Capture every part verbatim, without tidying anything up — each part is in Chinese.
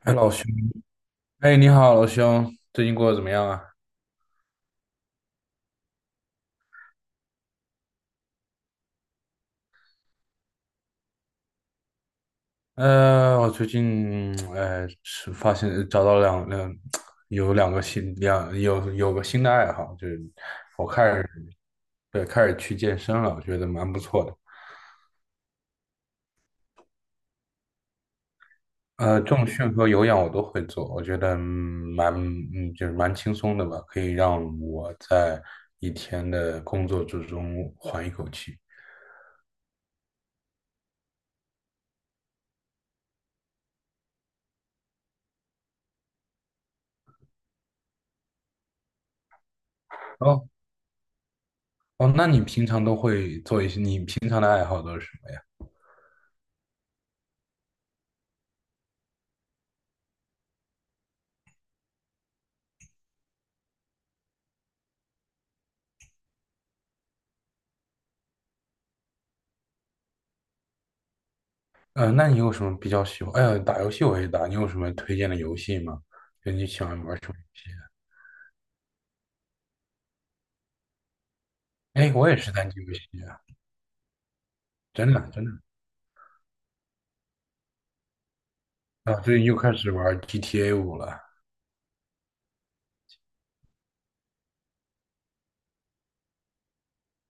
哎，老兄，哎，你好，老兄，最近过得怎么样啊？呃，我最近，哎，是发现找到两两，有两个新两有有个新的爱好，就是我开始对开始去健身了，我觉得蛮不错的。呃，重训和有氧我都会做，我觉得嗯蛮嗯就是蛮轻松的吧，可以让我在一天的工作之中缓一口气。哦哦，那你平常都会做一些，你平常的爱好都是什么呀？呃，那你有什么比较喜欢？哎呀，打游戏我也打，你有什么推荐的游戏吗？就你喜欢玩什么游戏啊？哎，我也是单机游戏啊，真的真的。啊，最近又开始玩 G T A 五了。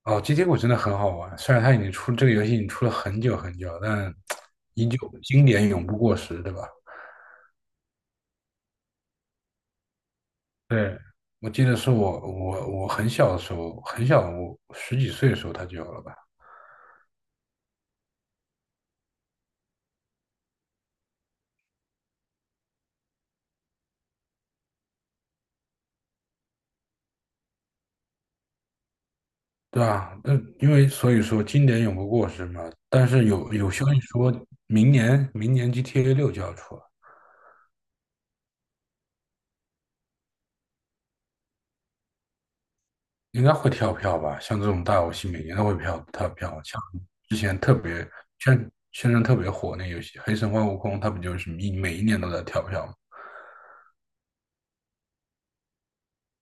哦，G T A 五真的很好玩，虽然它已经出这个游戏已经出了很久很久，但依旧经典永不过时，对吧？对，我记得是我我我很小的时候，很小，我十几岁的时候它就有了吧。对啊，那因为所以说经典永不过时嘛。但是有有消息说，明年明年 G T A 六就要出了，应该会跳票吧？像这种大游戏，每年都会跳跳票。像之前特别宣宣传特别火那游戏《黑神话：悟空》，它不就是一每一年都在跳票吗？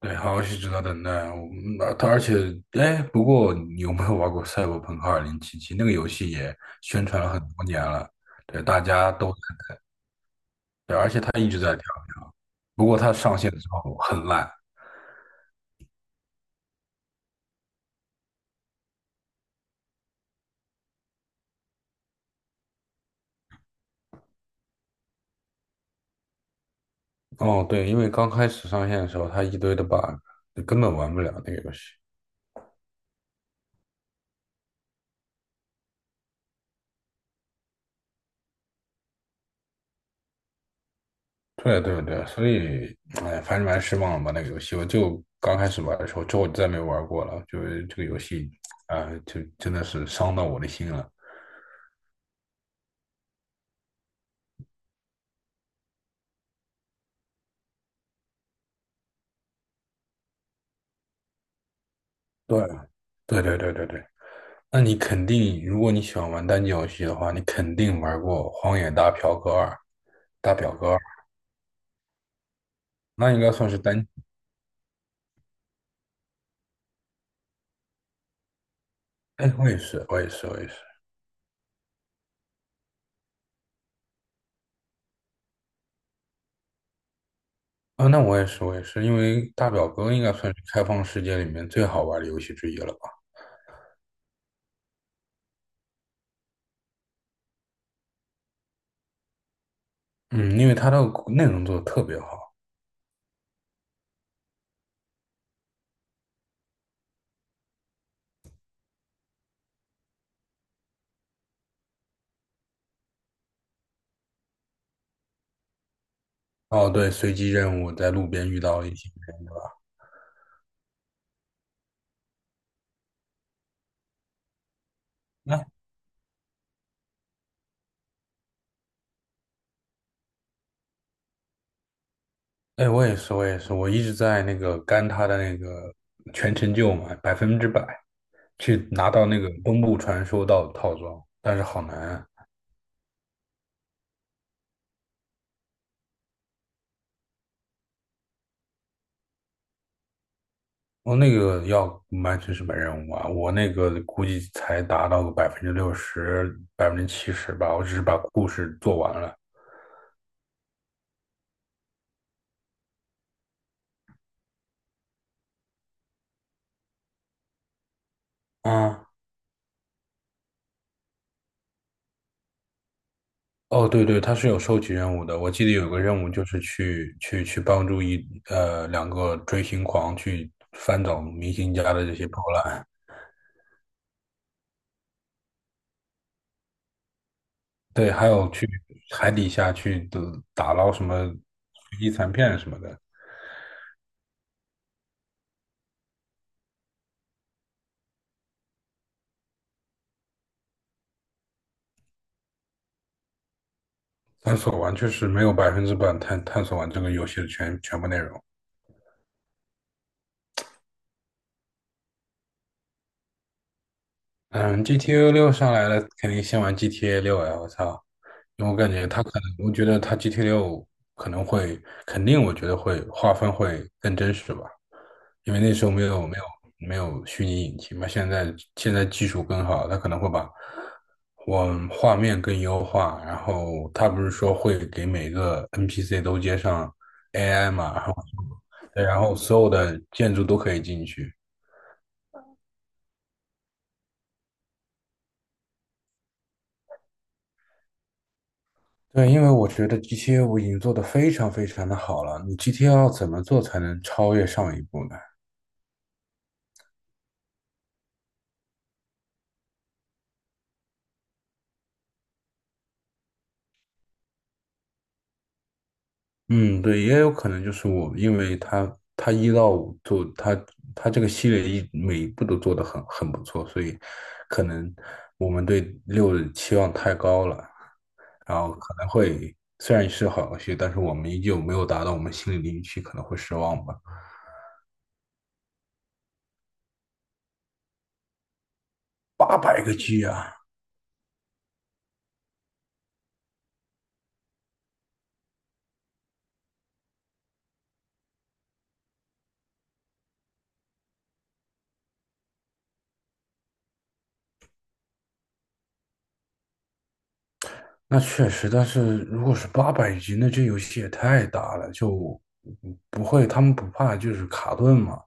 对，好游戏值得等待啊。我嗯它而且，哎，不过你有没有玩过《赛博朋克二零七七》？那个游戏也宣传了很多年了，对，大家都对，而且它一直在跳。不过它上线的时候很烂。哦，对，因为刚开始上线的时候，它一堆的 bug，你根本玩不了那个游戏。对对对，所以，哎，反正蛮失望吧那个游戏。我就刚开始玩的时候，之后再没玩过了。就是这个游戏，啊、就真的是伤到我的心了。对，对对对对对。那你肯定，如果你喜欢玩单机游戏的话，你肯定玩过《荒野大嫖客二》《大表哥二》，那应该算是单。哎，我也是，我也是，我也是。啊，那我也是，我也是，因为大表哥应该算是开放世界里面最好玩的游戏之一了吧？嗯，因为它的内容做的特别好。哦，对，随机任务在路边遇到了一些人，对吧？那，哎，我也是，我也是，我一直在那个干他的那个全成就嘛，百分之百去拿到那个东部传说道的套装，但是好难啊。我那个要完成什么任务啊，我那个估计才达到个百分之六十、百分之七十吧，我只是把故事做完了。啊，哦，对对，它是有收集任务的。我记得有个任务就是去去去帮助一呃两个追星狂去翻找明星家的这些破烂，对，还有去海底下去的打捞什么遗残片什么的。探索完确实没有百分之百探探索完这个游戏的全全部内容。嗯，G T A 六上来了，肯定先玩 G T A 六呀！我操，因为我感觉它可能，我觉得它 G T A 六可能会，肯定我觉得会划分会更真实吧。因为那时候没有没有没有虚拟引擎嘛，现在现在技术更好，它可能会把我画面更优化，然后它不是说会给每个 N P C 都接上 A I 嘛，然后对，然后所有的建筑都可以进去。对，因为我觉得 G T A 五已经做得非常非常的好了，你 G T A 要怎么做才能超越上一步呢？嗯，对，也有可能就是我，因为他他一到五做他他这个系列一每一步都做得很很不错，所以可能我们对六的期望太高了，然后可能会虽然是好游戏，但是我们依旧没有达到我们心里的预期，可能会失望吧。八百个 G 啊，那确实，但是如果是八百 G，那这游戏也太大了，就不会他们不怕就是卡顿嘛？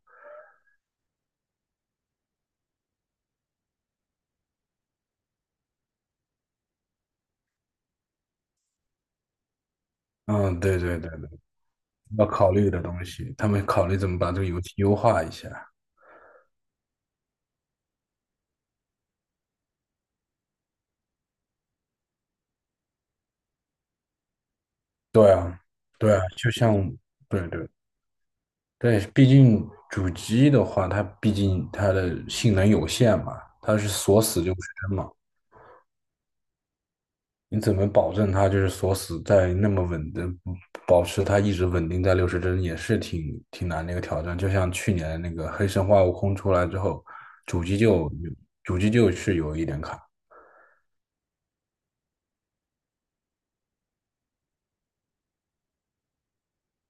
嗯，对对对对。要考虑的东西，他们考虑怎么把这个游戏优化一下。对啊，对啊，就像对对对，毕竟主机的话，它毕竟它的性能有限嘛，它是锁死就不是真嘛。你怎么保证它就是锁死在那么稳的，保持它一直稳定在六十帧，也是挺挺难的一个挑战。就像去年那个《黑神话：悟空》出来之后，主机就主机就是有一点卡，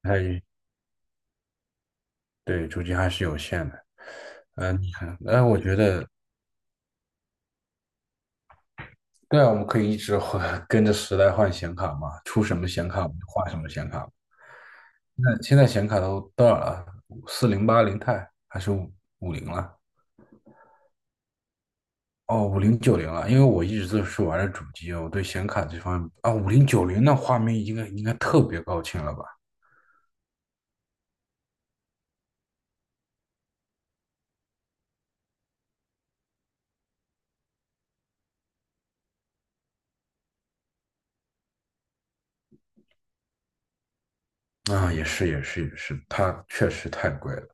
它也对主机还是有限的。嗯，呃你看，哎，我觉得对啊，我们可以一直换，跟着时代换显卡嘛，出什么显卡我们就换什么显卡。那现在显卡都多少了？四零八零钛还是五五零了？哦，五零九零了。因为我一直都是玩的主机，我对显卡这方面啊，五零九零那画面应该应该特别高清了吧？啊，也是也是也是，它确实太贵了。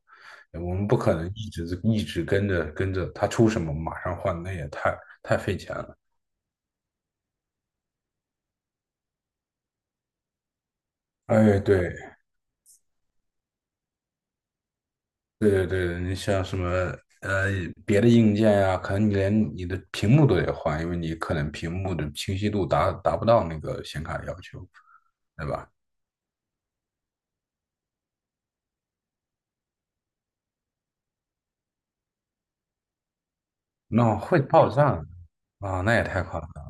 我们不可能一直一直跟着跟着它出什么马上换，那也太太费钱了。哎，对，对对对，你像什么呃别的硬件呀、可能你连你的屏幕都得换，因为你可能屏幕的清晰度达达不到那个显卡的要求，对吧？那会爆炸啊，那也太夸张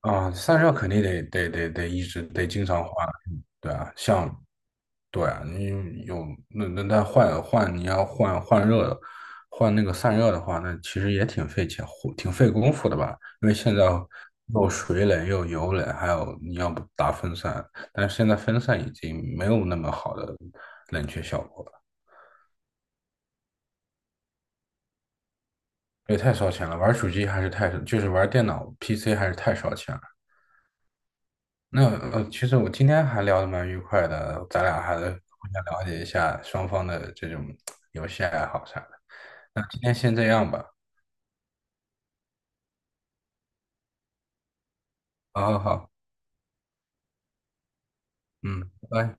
啊，散热肯定得得得得一直得经常换，嗯对啊，像，对啊，你有那那那换换你要换换热的，换那个散热的话，那其实也挺费钱，挺费功夫的吧？因为现在又水冷又油冷，还有你要不打风扇，但是现在风扇已经没有那么好的冷却效果了，因为太烧钱了。玩手机还是太，就是玩电脑 P C 还是太烧钱了。那呃，其实我今天还聊得蛮愉快的，咱俩还得互相了解一下双方的这种游戏爱好啥的。那今天先这样吧。好好好，嗯，拜拜。